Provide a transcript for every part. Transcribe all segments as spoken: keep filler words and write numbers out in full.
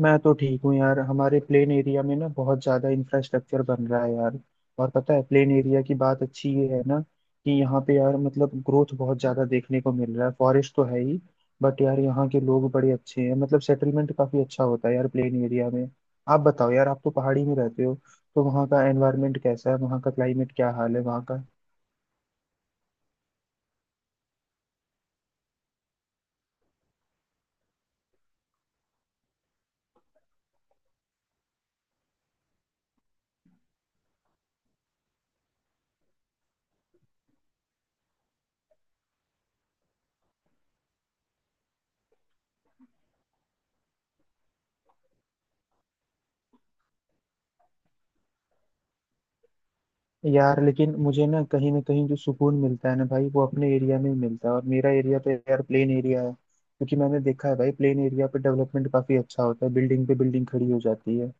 मैं तो ठीक हूँ यार। हमारे प्लेन एरिया में ना बहुत ज्यादा इंफ्रास्ट्रक्चर बन रहा है यार। और पता है, प्लेन एरिया की बात अच्छी ये है ना कि यहाँ पे यार मतलब ग्रोथ बहुत ज्यादा देखने को मिल रहा है। फॉरेस्ट तो है ही, बट यार यहाँ के लोग बड़े अच्छे हैं। मतलब सेटलमेंट काफी अच्छा होता है यार प्लेन एरिया में। आप बताओ यार, आप तो पहाड़ी में रहते हो, तो वहाँ का एनवायरनमेंट कैसा है, वहाँ का क्लाइमेट क्या हाल है वहाँ का। यार लेकिन मुझे ना कहीं ना कहीं जो सुकून मिलता है ना भाई, वो अपने एरिया में ही मिलता है। और मेरा एरिया तो यार प्लेन एरिया है, क्योंकि मैंने देखा है भाई, प्लेन एरिया पे डेवलपमेंट काफी अच्छा होता है, बिल्डिंग पे बिल्डिंग खड़ी हो जाती है।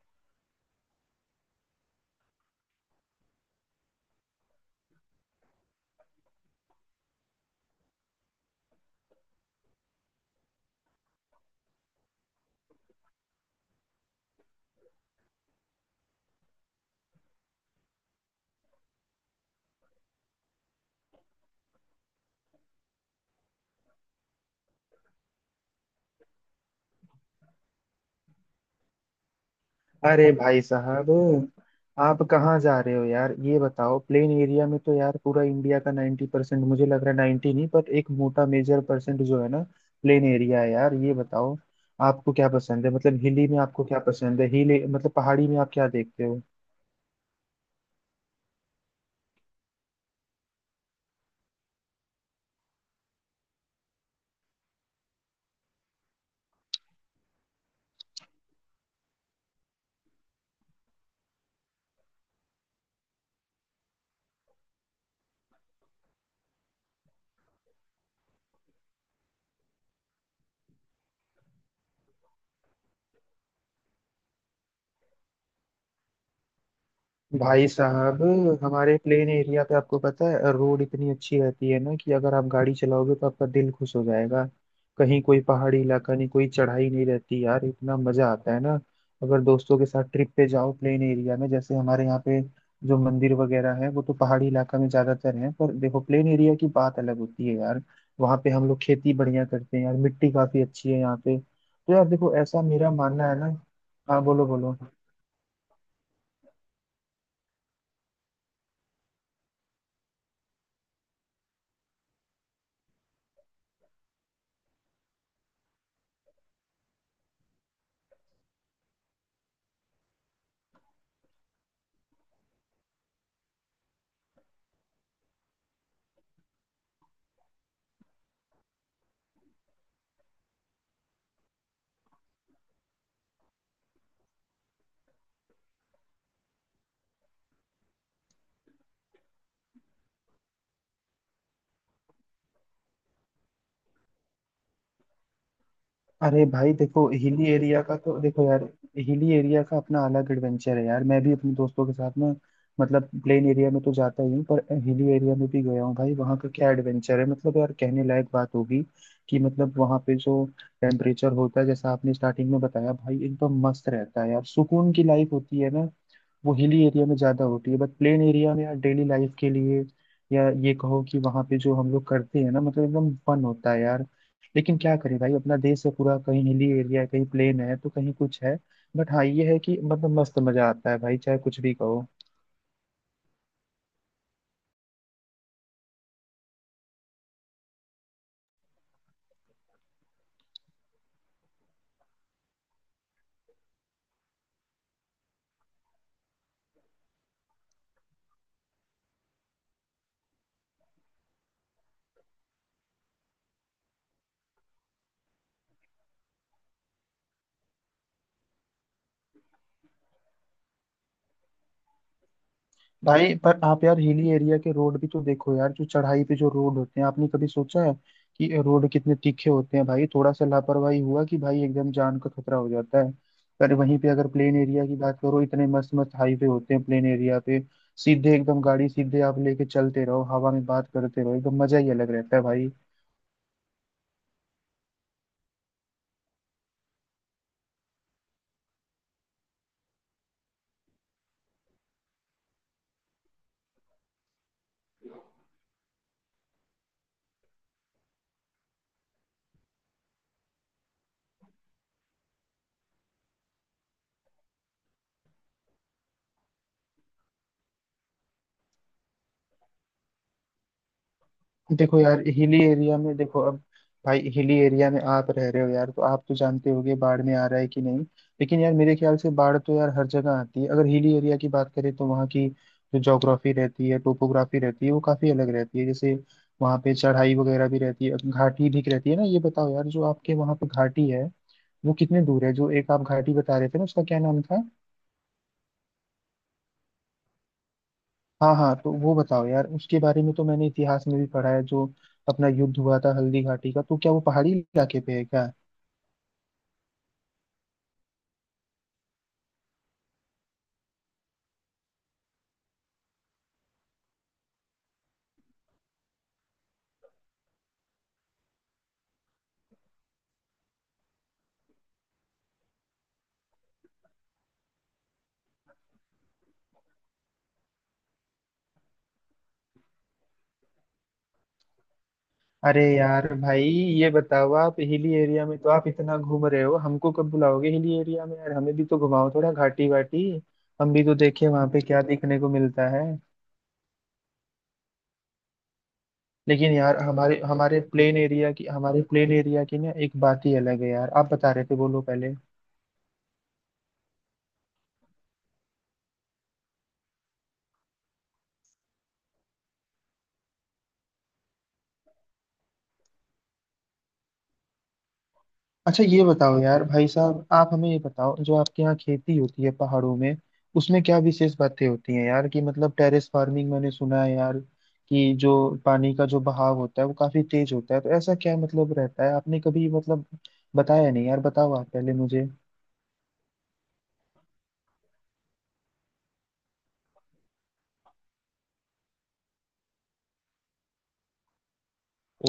अरे भाई साहब, आप कहाँ जा रहे हो यार, ये बताओ। प्लेन एरिया में तो यार पूरा इंडिया का नाइन्टी परसेंट मुझे लग रहा है, नाइन्टी नहीं पर एक मोटा मेजर परसेंट जो है ना, प्लेन एरिया है यार। ये बताओ, आपको क्या पसंद है, मतलब हिली में आपको क्या पसंद है, हिली मतलब पहाड़ी में आप क्या देखते हो। भाई साहब, हमारे प्लेन एरिया पे आपको पता है रोड इतनी अच्छी रहती है ना कि अगर आप गाड़ी चलाओगे तो आपका दिल खुश हो जाएगा। कहीं कोई पहाड़ी इलाका नहीं, कोई चढ़ाई नहीं रहती यार, इतना मजा आता है ना अगर दोस्तों के साथ ट्रिप पे जाओ प्लेन एरिया में। जैसे हमारे यहाँ पे जो मंदिर वगैरह है वो तो पहाड़ी इलाका में ज्यादातर है, पर देखो प्लेन एरिया की बात अलग होती है यार। वहाँ पे हम लोग खेती बढ़िया करते हैं यार, मिट्टी काफी अच्छी है यहाँ पे, तो यार देखो ऐसा मेरा मानना है ना। हाँ बोलो बोलो। अरे भाई देखो, हिली एरिया का तो देखो यार, हिली एरिया का अपना अलग एडवेंचर है यार। मैं भी अपने दोस्तों के साथ ना, मतलब प्लेन एरिया में तो जाता ही हूँ पर हिली एरिया में भी गया हूँ भाई। वहाँ का क्या एडवेंचर है, मतलब यार कहने लायक बात होगी कि मतलब वहाँ पे जो टेम्परेचर होता है, जैसा आपने स्टार्टिंग में बताया भाई, एकदम मस्त रहता है यार। सुकून की लाइफ होती है ना, वो हिली एरिया में ज़्यादा होती है। बट प्लेन एरिया में यार डेली लाइफ के लिए, या ये कहो कि वहाँ पे जो हम लोग करते हैं ना, मतलब एकदम फन होता है यार। लेकिन क्या करें भाई, अपना देश है पूरा, कहीं हिली एरिया है कहीं प्लेन है तो कहीं कुछ है। बट हाँ ये है कि मतलब मस्त मजा आता है भाई, चाहे कुछ भी कहो। भाई पर आप यार हिली एरिया के रोड भी तो देखो यार, जो चढ़ाई पे जो रोड होते हैं, आपने कभी सोचा है कि रोड कितने तीखे होते हैं भाई? थोड़ा सा लापरवाही हुआ कि भाई एकदम जान का खतरा हो जाता है। पर वहीं पे अगर प्लेन एरिया की बात करो, इतने मस्त मस्त हाईवे होते हैं प्लेन एरिया पे, सीधे एकदम गाड़ी सीधे आप लेके चलते रहो, हवा में बात करते रहो, एकदम मजा ही अलग रहता है भाई। देखो यार हिली एरिया में, देखो अब, भाई हिली एरिया में आप रह रहे हो यार तो आप तो जानते होगे बाढ़ में आ रहा है कि नहीं। लेकिन यार मेरे ख्याल से बाढ़ तो यार हर जगह आती है। अगर हिली एरिया की बात करें तो वहाँ की जो जोग्राफी रहती है, टोपोग्राफी रहती है, वो काफी अलग रहती है। जैसे वहाँ पे चढ़ाई वगैरह भी रहती है, घाटी भी रहती है ना। ये बताओ यार, जो आपके वहाँ पे घाटी है वो कितने दूर है, जो एक आप घाटी बता रहे थे ना, उसका क्या नाम था। हाँ हाँ, तो वो बताओ यार उसके बारे में। तो मैंने इतिहास में भी पढ़ा है जो अपना युद्ध हुआ था हल्दी घाटी का, तो क्या वो पहाड़ी इलाके पे है क्या? अरे यार भाई ये बताओ, आप हिली एरिया में तो आप इतना घूम रहे हो, हमको कब बुलाओगे हिली एरिया में यार? हमें भी तो घुमाओ थोड़ा घाटी वाटी, हम भी तो देखें वहां पे क्या देखने को मिलता है। लेकिन यार हमारे हमारे प्लेन एरिया की हमारे प्लेन एरिया की ना एक बात ही अलग है यार। आप बता रहे थे, बोलो पहले। अच्छा ये बताओ यार भाई साहब, आप हमें ये बताओ, जो आपके यहाँ खेती होती है पहाड़ों में, उसमें क्या विशेष बातें होती हैं यार? कि मतलब टेरेस फार्मिंग मैंने सुना है यार, कि जो पानी का जो बहाव होता है वो काफी तेज होता है, तो ऐसा क्या मतलब रहता है? आपने कभी मतलब बताया नहीं यार, बताओ आप पहले मुझे।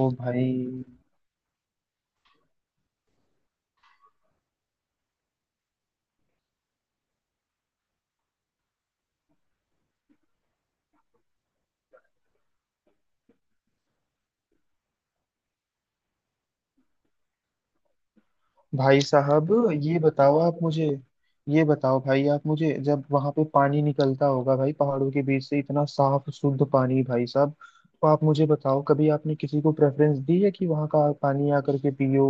ओ भाई। भाई साहब ये बताओ आप मुझे, ये बताओ भाई आप मुझे, जब वहां पे पानी निकलता होगा भाई पहाड़ों के बीच से, इतना साफ शुद्ध पानी भाई साहब, तो आप मुझे बताओ कभी आपने किसी को प्रेफरेंस दी है कि वहां का पानी आकर के पियो,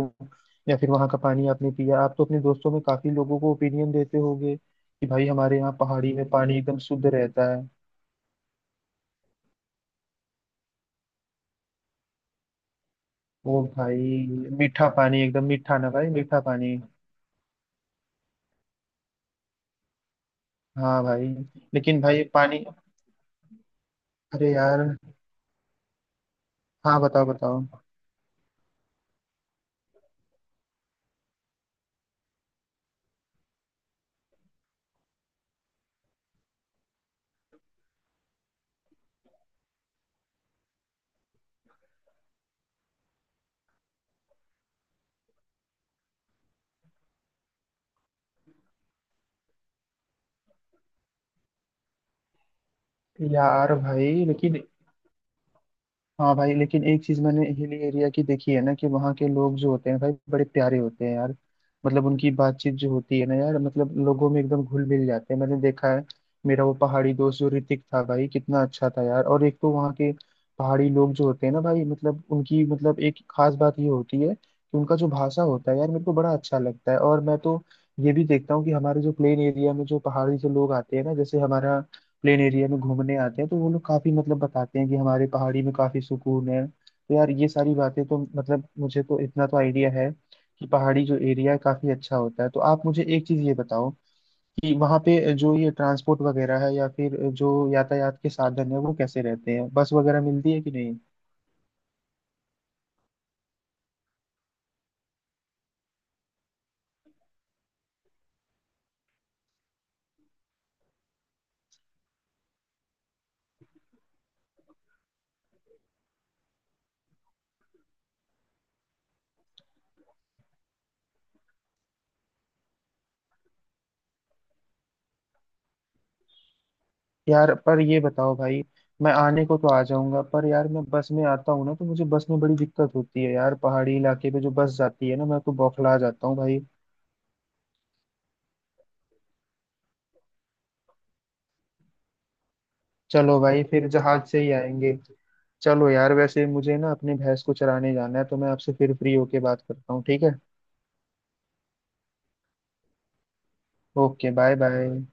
या फिर वहां का पानी आपने पिया? आप तो अपने दोस्तों में काफी लोगों को ओपिनियन देते होगे कि भाई हमारे यहाँ पहाड़ी में पानी एकदम शुद्ध रहता है। ओ भाई, मीठा पानी, एकदम मीठा ना भाई, मीठा पानी। हाँ भाई, लेकिन भाई पानी। अरे यार। हाँ बताओ बताओ। यार भाई लेकिन, हाँ भाई लेकिन एक चीज मैंने हिल एरिया की देखी है ना, कि वहाँ के लोग जो होते हैं भाई, बड़े प्यारे होते हैं यार। मतलब उनकी बातचीत जो होती है ना यार, मतलब लोगों में एकदम घुल मिल जाते हैं, मैंने देखा है। मेरा वो पहाड़ी दोस्त जो ऋतिक था भाई, कितना अच्छा था यार। और एक तो वहाँ के पहाड़ी लोग जो होते हैं ना भाई, मतलब उनकी मतलब एक खास बात ये होती है कि उनका जो भाषा होता है यार, मेरे को बड़ा अच्छा लगता है। और मैं तो ये भी देखता हूँ कि हमारे जो प्लेन एरिया में जो पहाड़ी से लोग आते हैं ना, जैसे हमारा प्लेन एरिया में घूमने आते हैं, तो वो लोग काफी मतलब बताते हैं कि हमारे पहाड़ी में काफी सुकून है। तो यार ये सारी बातें तो मतलब मुझे तो इतना तो आइडिया है कि पहाड़ी जो एरिया है काफी अच्छा होता है। तो आप मुझे एक चीज ये बताओ, कि वहाँ पे जो ये ट्रांसपोर्ट वगैरह है या फिर जो यातायात के साधन है, वो कैसे रहते हैं? बस वगैरह मिलती है कि नहीं? यार पर ये बताओ भाई, मैं आने को तो आ जाऊंगा पर यार मैं बस में आता हूँ ना, तो मुझे बस में बड़ी दिक्कत होती है यार। पहाड़ी इलाके पे जो बस जाती है ना, मैं तो बौखला जाता हूँ भाई। चलो भाई, फिर जहाज से ही आएंगे। चलो यार, वैसे मुझे ना अपनी भैंस को चराने जाना है, तो मैं आपसे फिर फ्री होके बात करता हूँ, ठीक है। Okay bye bye.